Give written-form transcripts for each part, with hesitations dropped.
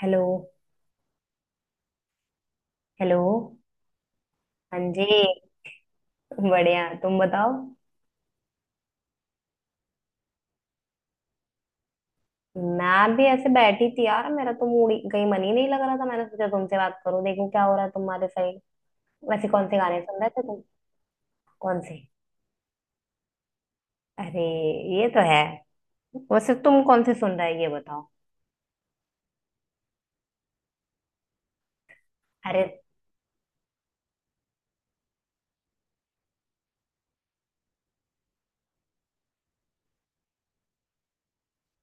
Hello. Hello. हाँ जी। बढ़िया। तुम बताओ। मैं भी ऐसे बैठी थी यार, मेरा तो कहीं मन ही नहीं लग रहा था। मैंने सोचा तुमसे बात करूं, देखूं क्या हो रहा है तुम्हारे साइड। वैसे कौन से गाने सुन रहे थे तुम? कौन से? अरे, ये तो है। वैसे तुम कौन से सुन रहे हो ये बताओ? अरे।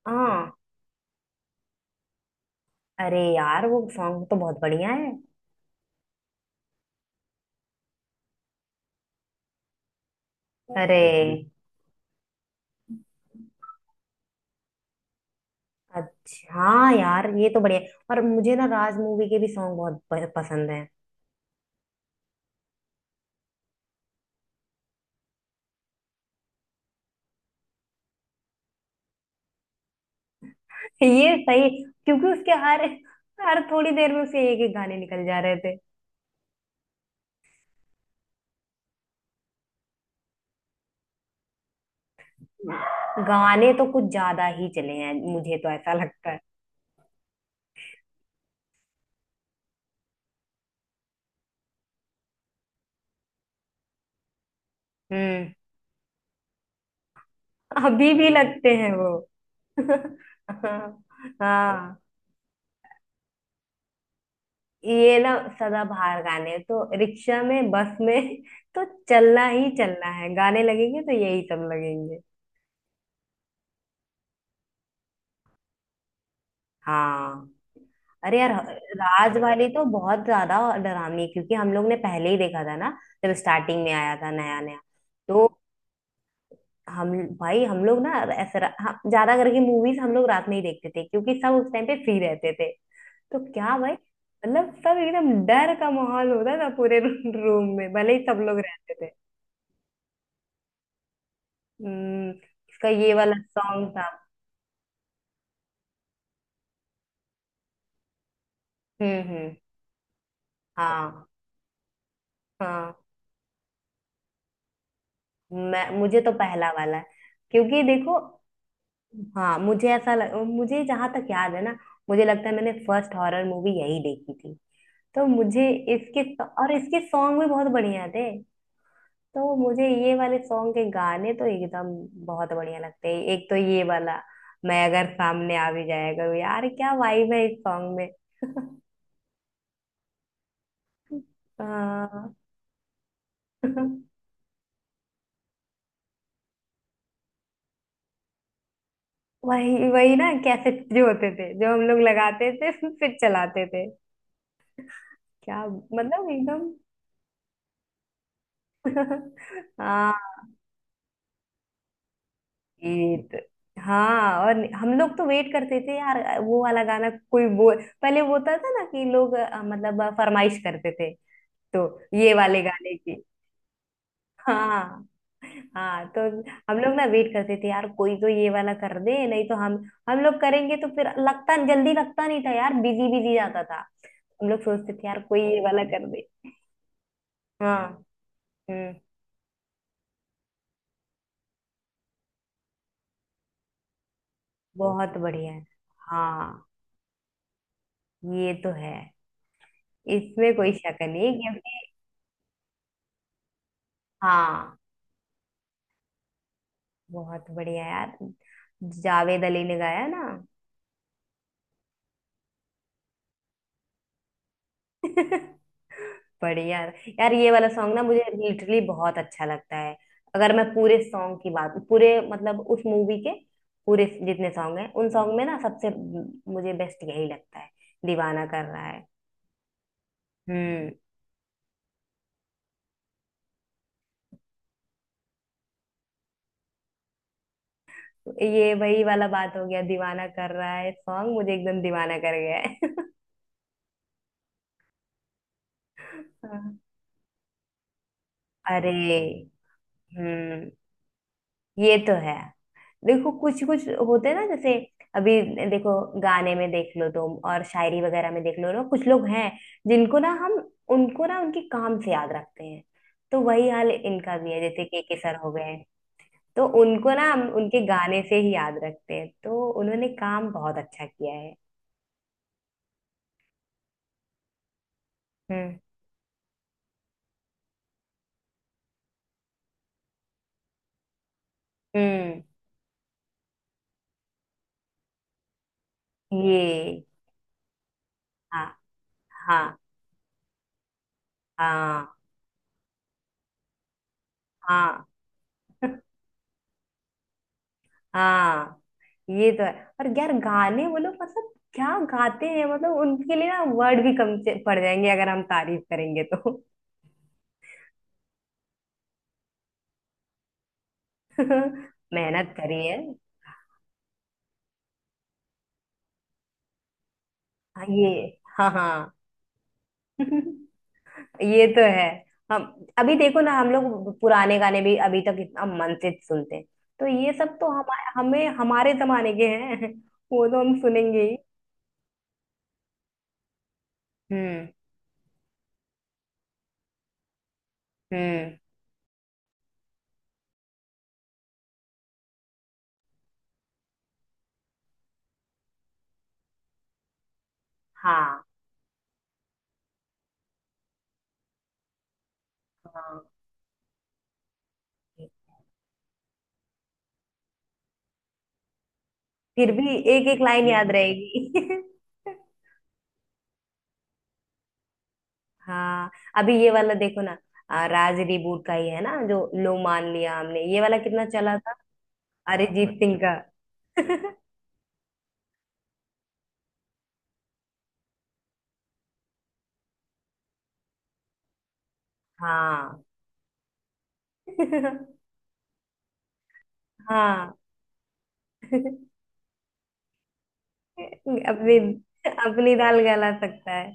हाँ। अरे यार, वो सॉन्ग तो बहुत बढ़िया है। अरे। अच्छा, हाँ यार ये तो बढ़िया है। और मुझे ना राज मूवी के भी सॉन्ग बहुत पसंद है। ये सही। क्योंकि उसके हर हर थोड़ी देर में उसे एक एक गाने निकल जा रहे थे। गाने तो कुछ ज्यादा ही चले हैं, मुझे तो ऐसा लगता है। हम्म। अभी भी लगते हैं वो। हाँ। ये ना, सदाबहार गाने तो रिक्शा में, बस में तो चलना ही चलना है। गाने लगेंगे तो यही सब लगेंगे। हाँ। अरे यार। राज वाली तो बहुत ज्यादा डरावनी है, क्योंकि हम लोग ने पहले ही देखा था ना। जब स्टार्टिंग में आया था नया नया तो हम भाई हम लोग ना ऐसे हाँ, ज्यादा करके मूवीज हम लोग रात में ही देखते थे क्योंकि सब उस टाइम पे फ्री रहते थे। तो क्या भाई, मतलब सब एकदम डर का माहौल होता था पूरे रूम में, भले ही सब लोग रहते थे। हम्म। इसका ये वाला सॉन्ग था। हम्म। हम्म। हाँ। हाँ। मैं मुझे तो पहला वाला है। क्योंकि देखो। हाँ, मुझे जहां तक याद है ना। मुझे लगता है मैंने फर्स्ट हॉरर मूवी यही देखी थी। तो मुझे इसके, और इसके सॉन्ग भी बहुत बढ़िया थे। तो मुझे ये वाले सॉन्ग के गाने तो एकदम बहुत बढ़िया लगते हैं। एक तो ये वाला, मैं अगर सामने आ भी जाया करूँ यार, क्या वाइब है इस सॉन्ग में। हाँ। वही वही ना, कैसेट जो होते थे जो हम लोग लगाते थे फिर चलाते थे। क्या मतलब एकदम। हाँ। गीत। हाँ, और हम लोग तो वेट करते थे यार। वो वाला गाना कोई बोल पहले, वो होता था ना कि लोग मतलब फरमाइश करते थे। तो ये वाले गाने की। हाँ। हाँ तो। हम लोग ना वेट करते थे यार, कोई तो ये वाला कर दे, नहीं तो हम लोग करेंगे तो फिर लगता जल्दी लगता नहीं था यार, बिजी बिजी जाता था। हम लोग सोचते थे यार कोई ये वाला कर दे। हाँ। हम्म। बहुत बढ़िया है। हाँ, ये तो है। इसमें कोई शक नहीं कि। हाँ, बहुत बढ़िया यार। जावेद अली ने गाया ना। बढ़िया। यार ये वाला सॉन्ग ना मुझे लिटरली बहुत अच्छा लगता है। अगर मैं पूरे सॉन्ग की बात, पूरे मतलब उस मूवी के पूरे जितने सॉन्ग हैं, उन सॉन्ग में ना सबसे मुझे बेस्ट यही लगता है। दीवाना कर रहा है। हम्म। ये वही वाला बात हो गया, दीवाना कर रहा है सॉन्ग मुझे एकदम दीवाना कर गया है। हाँ। अरे। हम्म। ये तो है। देखो, कुछ कुछ होते हैं ना जैसे। अभी देखो। गाने में देख लो तुम, और शायरी वगैरह में देख लो ना, कुछ लोग हैं जिनको ना हम, उनको ना उनके काम से याद रखते हैं। तो वही हाल इनका भी है, जैसे के सर हो गए। तो उनको ना हम उनके गाने से ही याद रखते हैं, तो उन्होंने काम बहुत अच्छा किया है। हम्म। हम्म। ये। हाँ, हाँ, हाँ, हाँ, हाँ। ये तो है। और यार गाने वो लोग मतलब क्या गाते हैं, मतलब उनके लिए ना वर्ड भी कम पड़ जाएंगे, अगर हम तारीफ करेंगे तो। मेहनत करी है। हाँ, ये। हाँ। हाँ। ये तो है। हम अभी देखो ना, हम लोग पुराने गाने भी अभी तक इतना मन से सुनते हैं। तो ये सब तो हम हमें हमारे जमाने के हैं वो तो हम सुनेंगे ही। हम्म। हम्म। हाँ। हाँ। फिर भी एक एक लाइन याद रहेगी। हाँ। अभी ये वाला देखो ना। राज रिबूट का ही है ना जो। लो मान लिया हमने, ये वाला कितना चला था। अरिजीत सिंह का। हाँ। हाँ। अपनी अपनी दाल गला सकता है।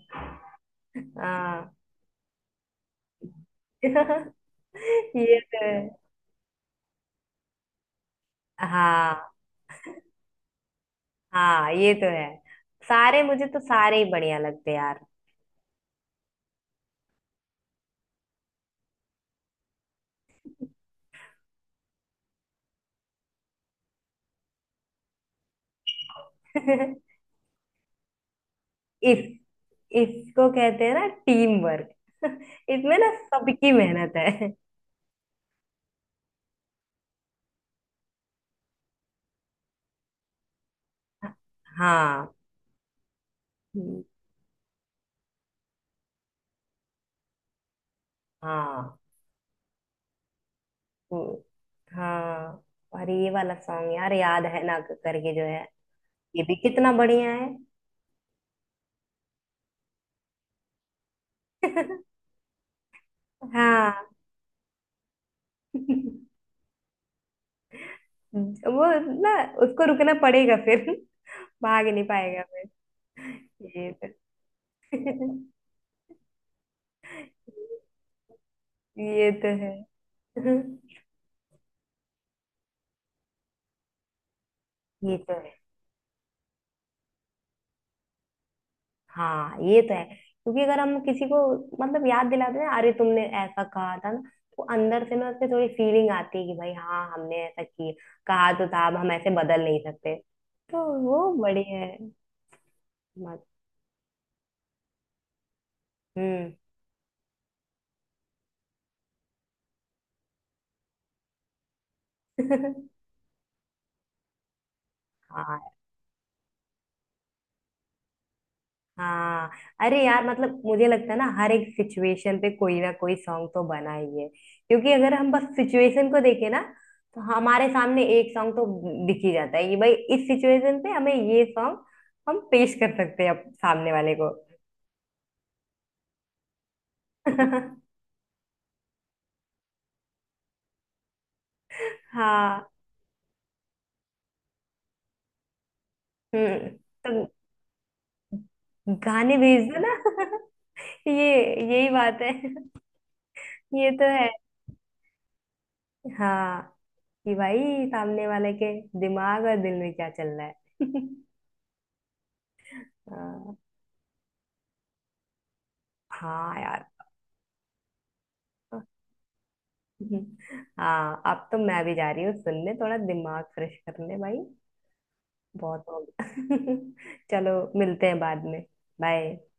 हाँ। ये तो है। हाँ, हाँ, ये तो है। सारे, मुझे तो सारे ही बढ़िया लगते हैं यार। इस इसको कहते हैं ना टीम वर्क। इसमें ना सबकी मेहनत है। हाँ। हाँ। हम्म। हाँ। और ये वाला सॉन्ग यार याद है ना, करके जो है। ये भी कितना बढ़िया है। हाँ। वो ना, उसको रुकना पड़ेगा फिर, भाग नहीं पाएगा। फिर ये तो। ये तो है। ये तो है। हाँ, ये तो है। क्योंकि अगर हम किसी को मतलब याद दिलाते हैं, अरे तुमने ऐसा कहा था ना। तो अंदर से ना उससे थोड़ी फीलिंग आती है कि भाई हाँ, हमने ऐसा किया, कहा तो था, अब हम ऐसे बदल नहीं सकते। तो वो बढ़िया है। हम्म। हाँ। हाँ। अरे यार मतलब मुझे लगता है ना हर एक सिचुएशन पे कोई ना कोई सॉन्ग तो बना ही है, क्योंकि अगर हम बस सिचुएशन को देखें ना। तो हमारे सामने एक सॉन्ग तो दिख ही जाता है कि भाई इस सिचुएशन पे हमें ये सॉन्ग हम पेश कर सकते हैं सामने वाले को। हाँ। हम्म, तो गाने भेज दो ना। ये यही बात है। ये तो है। हाँ, कि भाई सामने वाले के दिमाग और दिल में क्या चल रहा है। हाँ। हाँ यार। हाँ, अब तो मैं भी जा रही हूँ सुनने, थोड़ा दिमाग फ्रेश करने भाई। बहुत हो गया। चलो, मिलते हैं बाद में। बाय।